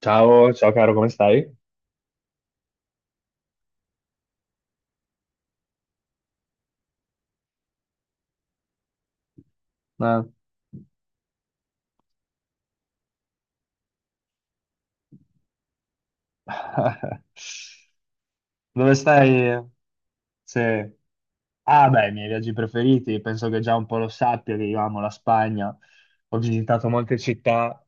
Ciao, ciao caro, come stai? Ah. Dove stai? Sì. Ah, beh, i miei viaggi preferiti, penso che già un po' lo sappia che io amo la Spagna. Ho visitato molte città,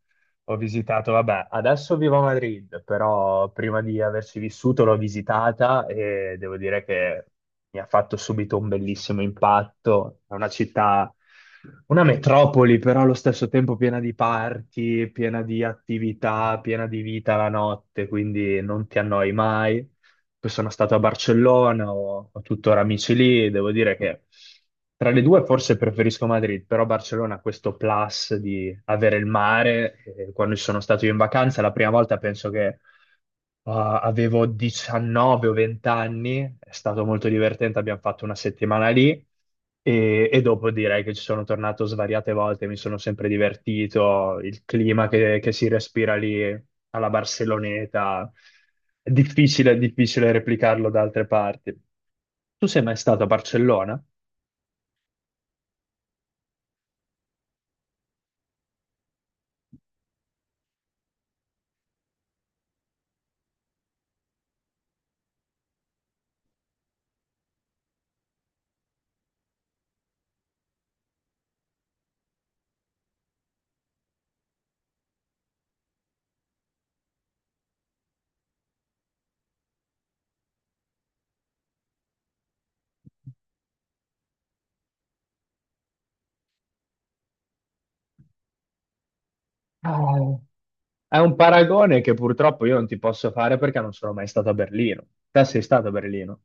ho visitato, vabbè, adesso vivo a Madrid, però prima di averci vissuto l'ho visitata e devo dire che mi ha fatto subito un bellissimo impatto. È una città, una metropoli, però allo stesso tempo piena di party, piena di attività, piena di vita la notte, quindi non ti annoi mai. Poi sono stato a Barcellona, ho tuttora amici lì, devo dire che tra le due forse preferisco Madrid, però Barcellona ha questo plus di avere il mare, e quando ci sono stato io in vacanza, la prima volta penso che Uh, avevo 19 o 20 anni, è stato molto divertente, abbiamo fatto una settimana lì e dopo direi che ci sono tornato svariate volte, mi sono sempre divertito, il clima che si respira lì alla Barceloneta, è difficile replicarlo da altre parti. Tu sei mai stato a Barcellona? Ah, è un paragone che purtroppo io non ti posso fare perché non sono mai stato a Berlino. Te sei stato a Berlino?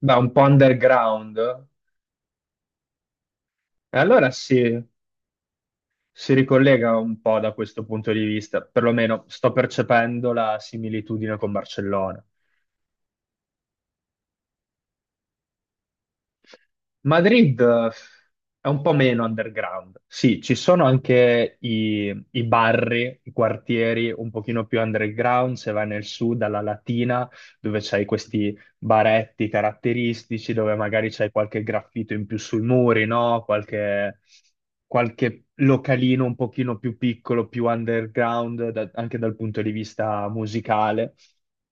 Beh, un po' underground. E allora si ricollega un po' da questo punto di vista, perlomeno sto percependo la similitudine con Barcellona. Madrid è un po' meno underground. Sì, ci sono anche i barri, i quartieri un pochino più underground, se vai nel sud, alla Latina, dove c'hai questi baretti caratteristici dove magari c'è qualche graffito in più sui muri, no? Qualche localino un pochino più piccolo, più underground, anche dal punto di vista musicale.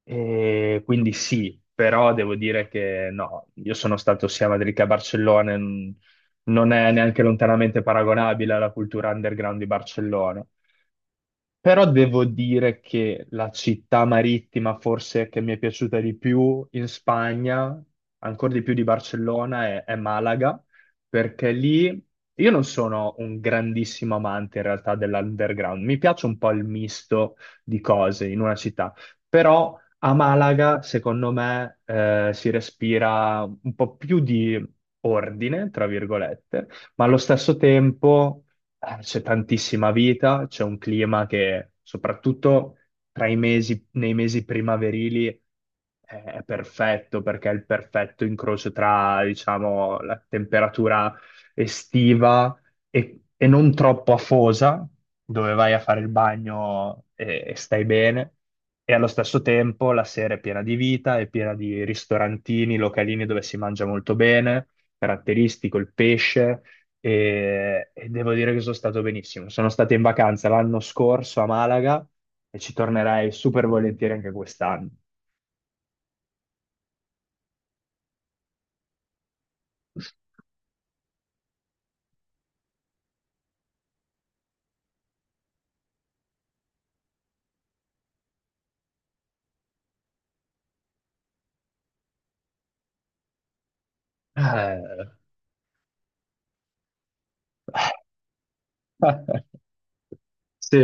E quindi sì, però devo dire che no, io sono stato sia a Madrid che a Barcellona, e non è neanche lontanamente paragonabile alla cultura underground di Barcellona. Però devo dire che la città marittima forse che mi è piaciuta di più in Spagna, ancora di più di Barcellona, è Malaga, perché lì io non sono un grandissimo amante in realtà dell'underground, mi piace un po' il misto di cose in una città, però a Malaga secondo me si respira un po' più di ordine, tra virgolette, ma allo stesso tempo c'è tantissima vita, c'è un clima che soprattutto nei mesi primaverili è perfetto perché è il perfetto incrocio tra, diciamo, la temperatura estiva e non troppo afosa, dove vai a fare il bagno e stai bene. E allo stesso tempo la sera è piena di vita, è piena di ristorantini, localini dove si mangia molto bene, caratteristico, il pesce e devo dire che sono stato benissimo. Sono stato in vacanza l'anno scorso a Malaga e ci tornerai super volentieri anche quest'anno. Eh, sì.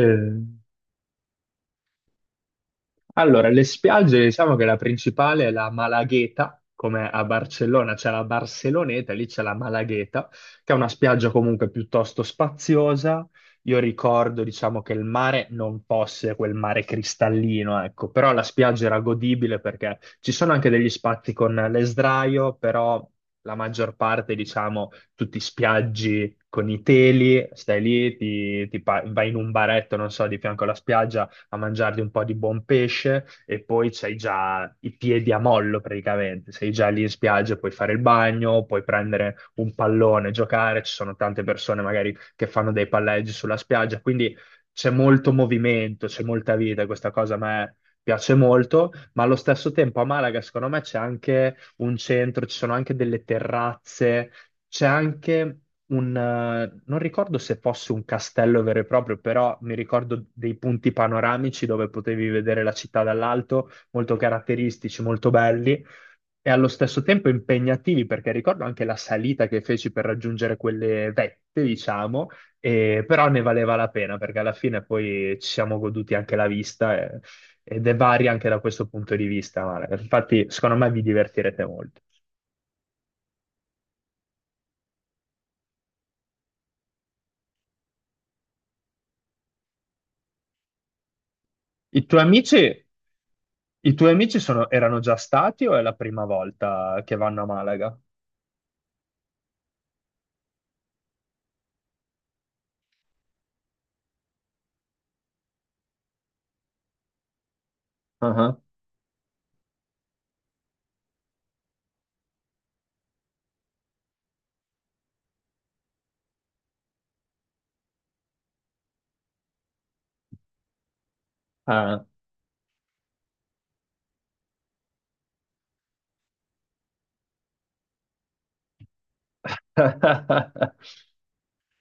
Allora, le spiagge, diciamo che la principale è la Malagueta, come a Barcellona c'è la Barceloneta, lì c'è la Malagueta, che è una spiaggia comunque piuttosto spaziosa. Io ricordo, diciamo, che il mare non fosse quel mare cristallino, ecco, però la spiaggia era godibile perché ci sono anche degli spazi con le sdraio, però la maggior parte, diciamo, tutti spiaggi con i teli, stai lì, vai in un baretto, non so, di fianco alla spiaggia a mangiarti un po' di buon pesce e poi c'hai già i piedi a mollo praticamente, sei già lì in spiaggia, puoi fare il bagno, puoi prendere un pallone, giocare, ci sono tante persone magari che fanno dei palleggi sulla spiaggia, quindi c'è molto movimento, c'è molta vita, questa cosa a me piace molto, ma allo stesso tempo a Malaga secondo me c'è anche un centro, ci sono anche delle terrazze, c'è anche un, non ricordo se fosse un castello vero e proprio, però mi ricordo dei punti panoramici dove potevi vedere la città dall'alto, molto caratteristici, molto belli e allo stesso tempo impegnativi, perché ricordo anche la salita che feci per raggiungere quelle vette, diciamo, però ne valeva la pena perché alla fine poi ci siamo goduti anche la vista ed è varia anche da questo punto di vista, Mara. Infatti, secondo me vi divertirete molto. I tuoi amici. I tuoi amici erano già stati o è la prima volta che vanno a Malaga? Ah, ah, ah.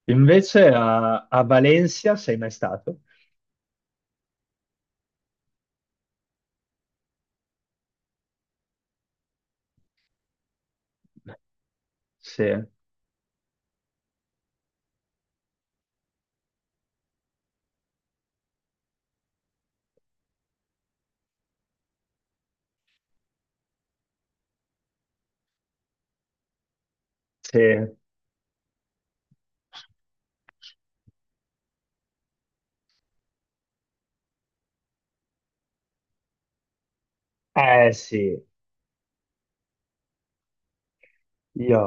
Invece a, a Valencia sei mai stato? Sì, sì. Eh sì, io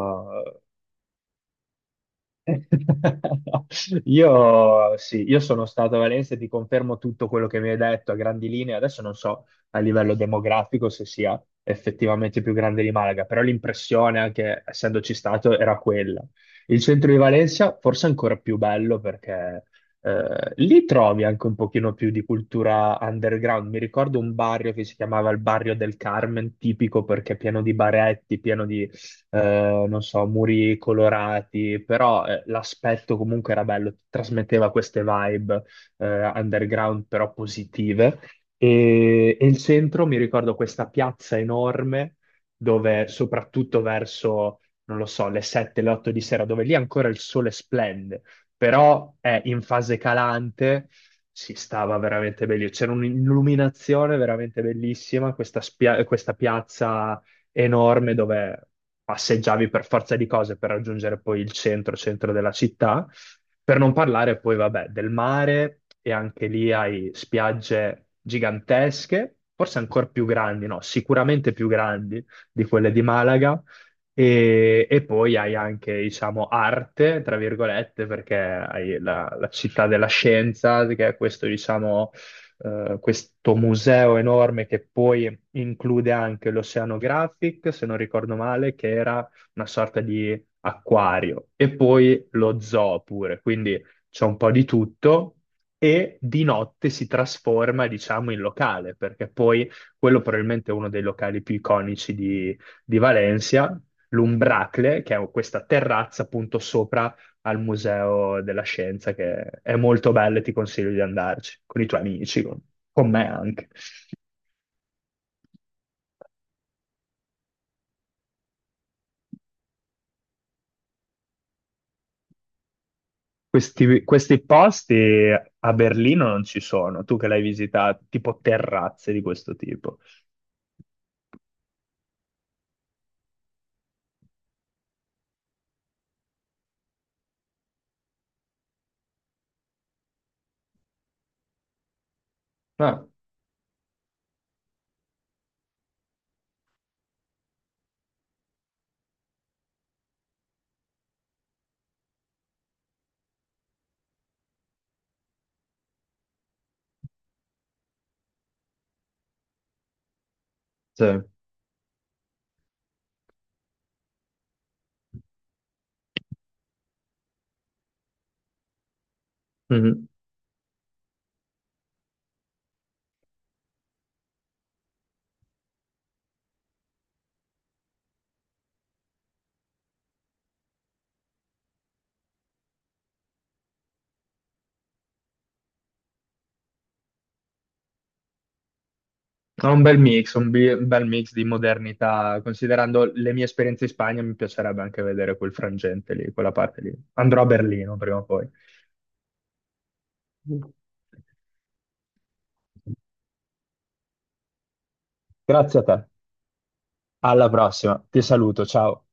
Io sì, io sono stato a Valencia e ti confermo tutto quello che mi hai detto a grandi linee. Adesso non so a livello demografico se sia effettivamente più grande di Malaga, però l'impressione, anche essendoci stato, era quella. Il centro di Valencia forse è ancora più bello perché lì trovi anche un pochino più di cultura underground. Mi ricordo un barrio che si chiamava il Barrio del Carmen, tipico perché pieno di baretti, pieno di non so, muri colorati, però l'aspetto comunque era bello, trasmetteva queste vibe underground però positive. E il centro, mi ricordo questa piazza enorme dove soprattutto verso, non lo so, le 7, le 8 di sera, dove lì ancora il sole splende, però è in fase calante, si stava veramente meglio. C'era un'illuminazione veramente bellissima, questa, questa piazza enorme dove passeggiavi per forza di cose per raggiungere poi il centro della città, per non parlare poi, vabbè, del mare e anche lì hai spiagge gigantesche, forse ancora più grandi, no, sicuramente più grandi di quelle di Malaga. E poi hai anche, diciamo, arte, tra virgolette, perché hai la città della scienza, che è questo, diciamo, questo museo enorme che poi include anche l'Oceanographic, se non ricordo male, che era una sorta di acquario, e poi lo zoo pure, quindi c'è un po' di tutto. E di notte si trasforma, diciamo, in locale, perché poi quello probabilmente è uno dei locali più iconici di Valencia, l'Umbracle, che è questa terrazza appunto sopra al Museo della Scienza, che è molto bello e ti consiglio di andarci, con i tuoi amici, con me anche. Questi posti a Berlino non ci sono, tu che l'hai visitato, tipo terrazze di questo tipo. Ah, sì. Mhm. È un bel mix, un bel mix di modernità. Considerando le mie esperienze in Spagna, mi piacerebbe anche vedere quel frangente lì, quella parte lì. Andrò a Berlino prima o poi. Grazie a te. Alla prossima. Ti saluto, ciao.